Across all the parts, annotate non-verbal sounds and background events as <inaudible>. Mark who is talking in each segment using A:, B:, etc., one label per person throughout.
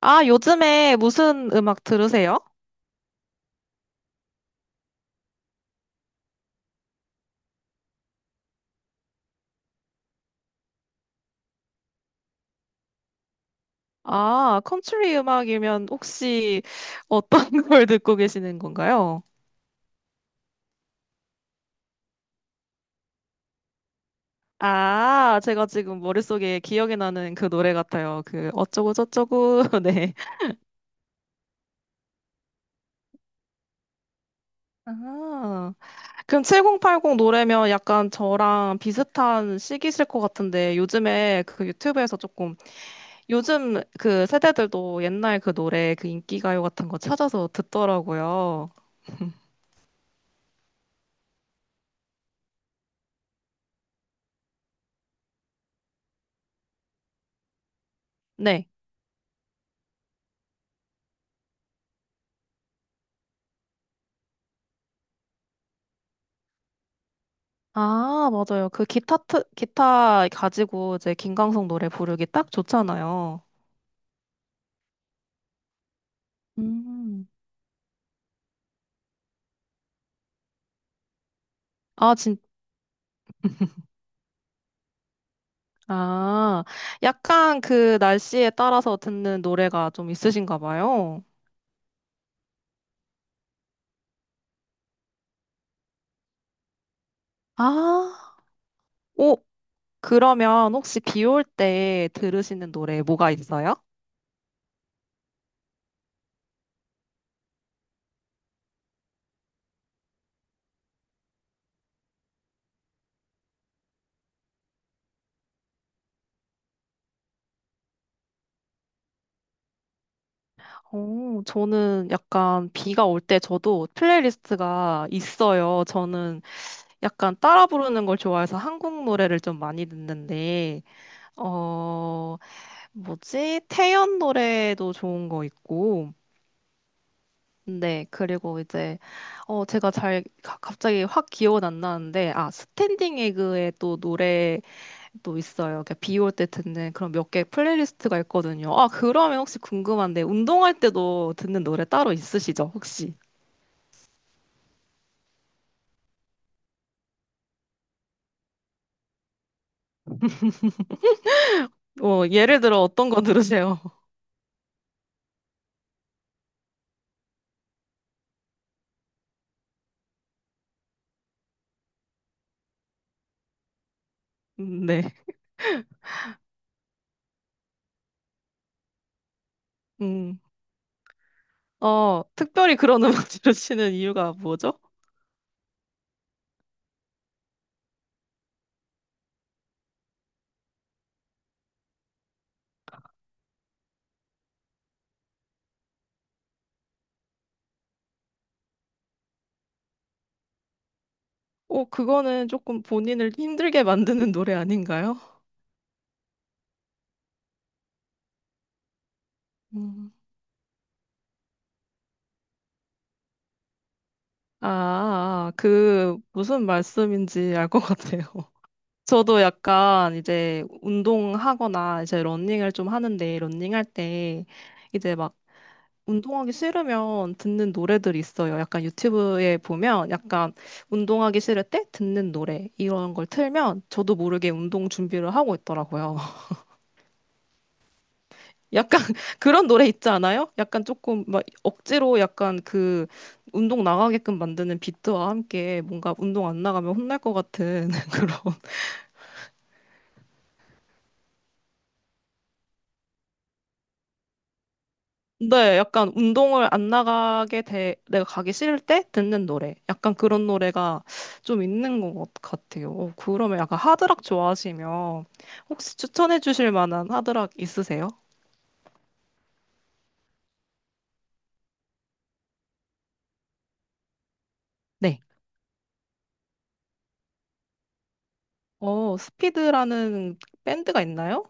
A: 아, 요즘에 무슨 음악 들으세요? 아, 컨트리 음악이면 혹시 어떤 <laughs> 걸 듣고 계시는 건가요? 아, 제가 지금 머릿속에 기억이 나는 그 노래 같아요. 그 어쩌고 저쩌고. <laughs> 네. 아, 그럼 7080 노래면 약간 저랑 비슷한 시기실 것 같은데 요즘에 그 유튜브에서 조금 요즘 그 세대들도 옛날 그 노래 그 인기가요 같은 거 찾아서 듣더라고요. 네. 아, 맞아요. 그 기타 가지고 이제 김광석 노래 부르기 딱 좋잖아요. 음. 아, 진, 아, 약간 그 날씨에 따라서 듣는 노래가 좀 있으신가 봐요. 아, 오, 그러면 혹시 비 올 때 들으시는 노래 뭐가 있어요? 오, 저는 약간 비가 올 때 저도 플레이리스트가 있어요. 저는 약간 따라 부르는 걸 좋아해서 한국 노래를 좀 많이 듣는데, 어, 뭐지? 태연 노래도 좋은 거 있고. 네, 그리고 이제, 어, 제가 잘, 갑자기 확 기억은 안 나는데, 아, 스탠딩 에그의 또 노래도 있어요. 비 올 때 듣는 그런 몇 개 플레이리스트가 있거든요. 아, 그러면 혹시 궁금한데, 운동할 때도 듣는 노래 따로 있으시죠, 혹시? 어, 예를 들어 어떤 거 들으세요? <laughs> 네. 음, 어, 특별히 그런 음악 <laughs> 들으시는 이유가 뭐죠? 어, 그거는 조금 본인을 힘들게 만드는 노래 아닌가요? 음. 아, 아, 아. 그 무슨 말씀인지 알 것 같아요. <laughs> 저도 약간 이제 운동하거나 이제 러닝을 좀 하는데 러닝할 때 이제 막 운동하기 싫으면 듣는 노래들이 있어요. 약간 유튜브에 보면 약간 운동하기 싫을 때 듣는 노래 이런 걸 틀면 저도 모르게 운동 준비를 하고 있더라고요. 약간 <laughs> 그런 노래 있지 않아요? 약간 조금 막 억지로 약간 그 운동 나가게끔 만드는 비트와 함께 뭔가 운동 안 나가면 혼날 것 같은 <laughs> 그런. 네, 약간 운동을 안 나가게 돼, 내가 가기 싫을 때 듣는 노래. 약간 그런 노래가 좀 있는 것 같아요. 어, 그러면 약간 하드락 좋아하시면 혹시 추천해 주실 만한 하드락 있으세요? 네. 어, 스피드라는 밴드가 있나요?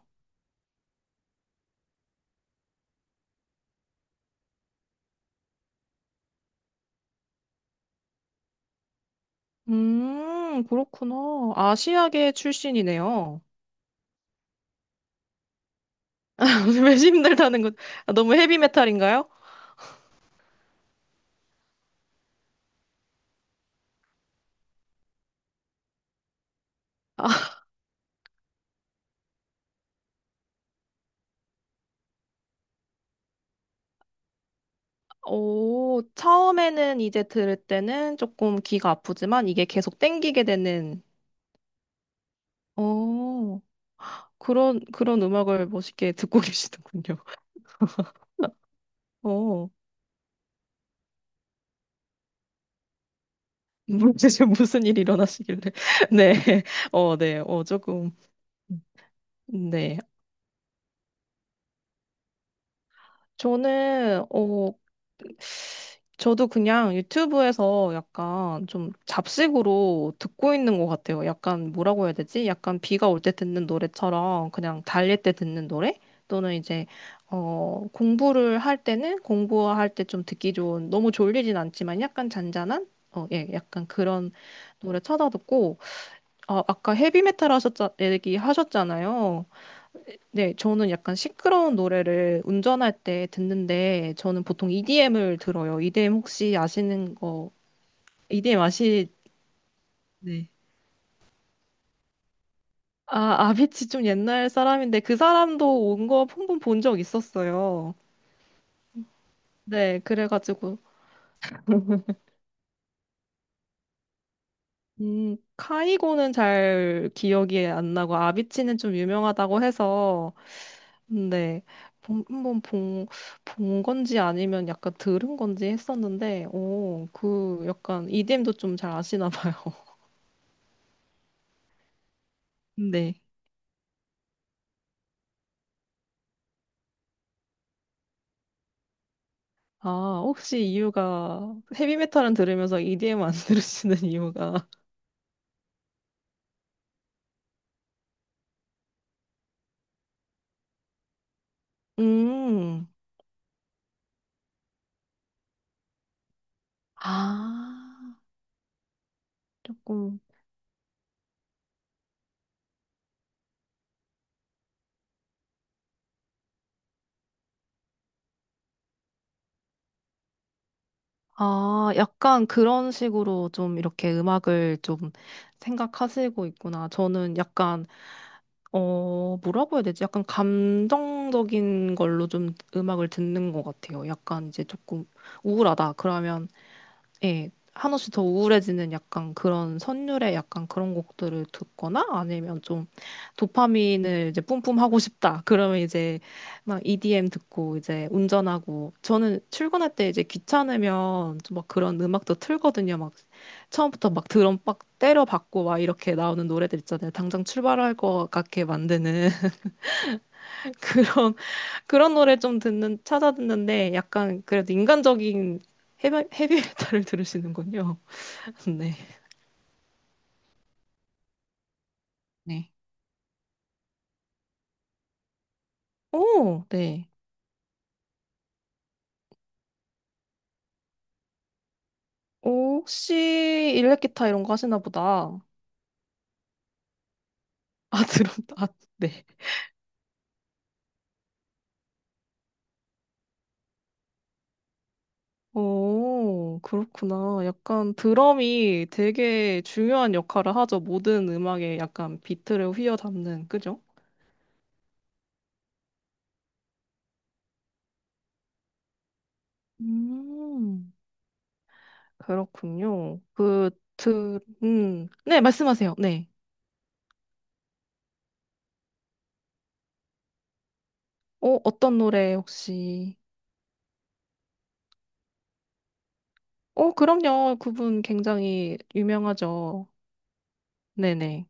A: 그렇구나. 아시아계 출신이네요. <laughs> 왜 힘들다는 것, 아, 너무 헤비메탈인가요? 아, 오, 처음에는 이제 들을 때는 조금 귀가 아프지만 이게 계속 땡기게 되는, 어, 그런, 그런 음악을 멋있게 듣고 <laughs> 계시는군요. 어, 뭐지, 지금 무슨 일이 일어나시길래. <laughs> 네, 어, 네, 어, 조금, 네. 저는, 어, 저도 그냥 유튜브에서 약간 좀 잡식으로 듣고 있는 것 같아요. 약간 뭐라고 해야 되지? 약간 비가 올 때 듣는 노래처럼 그냥 달릴 때 듣는 노래? 또는 이제, 어, 공부를 할 때는 공부할 때 좀 듣기 좋은, 너무 졸리진 않지만 약간 잔잔한? 어, 예, 약간 그런 노래 찾아 듣고, 아, 아까 헤비메탈 얘기 하셨잖아요. 네, 저는 약간 시끄러운 노래를 운전할 때 듣는데, 저는 보통 EDM을 들어요. EDM 혹시 아시는 거, EDM 아시, 네. 아, 아비치 좀 옛날 사람인데, 그 사람도 온 거 한 번 본 적 있었어요. 네, 그래가지고, 카이고는 잘 기억이 안 나고, 아비치는 좀 유명하다고 해서, 네, 한번 본 건지 아니면 약간 들은 건지 했었는데, 오, 그 약간 EDM도 좀 잘 아시나 봐요. 네. 아, 혹시 이유가 헤비메탈은 들으면서 EDM 안 <laughs> 들으시는 이유가 음. 아, 조금 아, 약간 그런 식으로 좀 이렇게 음악을 좀 생각하시고 있구나. 저는 약간 어, 뭐라고 해야 되지? 약간 감정적인 걸로 좀 음악을 듣는 것 같아요. 약간 이제 조금 우울하다. 그러면 예, 한없이 더 우울해지는 약간 그런 선율의 약간 그런 곡들을 듣거나 아니면 좀 도파민을 이제 뿜뿜 하고 싶다. 그러면 이제 막 EDM 듣고 이제 운전하고 저는 출근할 때 이제 귀찮으면 좀 막 그런 음악도 틀거든요. 막 처음부터 막 드럼 빡 때려 박고 막 이렇게 나오는 노래들 있잖아요. 당장 출발할 것 같게 만드는 <laughs> 그런 그런 노래 좀 듣는 찾아 듣는데 약간 그래도 인간적인 헤비, 헤비메탈을 들으시는군요. <laughs> 네. 네. 오, 네. 오, 혹시 일렉기타 이런 거 하시나 보다. 아, <laughs> 드럼, 아, 네. 오, 그렇구나. 약간 드럼이 되게 중요한 역할을 하죠. 모든 음악에 약간 비트를 휘어잡는, 그죠? 음, 그렇군요. 그, 네, 말씀하세요. 네. 어, 어떤 노래 혹시? 어, 그럼요. 그분 굉장히 유명하죠. 네네.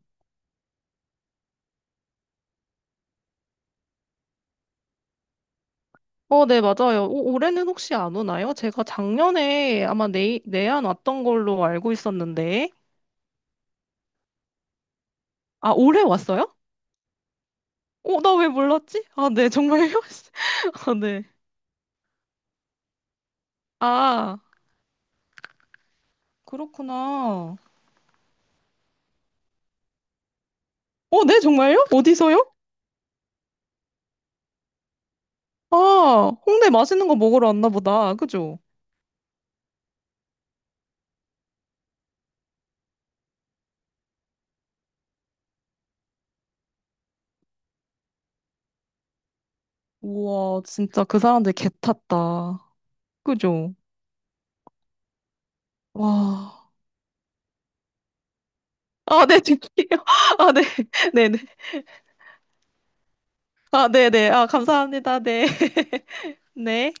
A: 어, 네, 맞아요. 오, 올해는 혹시 안 오나요? 제가 작년에 아마 내한 왔던 걸로 알고 있었는데. 아, 올해 왔어요? 어, 나 왜 몰랐지? 아, 네, 정말요? <laughs> 아, 네. 아, 그렇구나. 어, 네, 정말요? 어디서요? 아, 홍대 맛있는 거 먹으러 왔나 보다. 그죠? 우와, 진짜 그 사람들 개 탔다. 그죠? 와. 아, 네, 드릴게요. <laughs> 아, 네. 네네. 아, 네네. 아, 감사합니다. 네. <laughs> 네.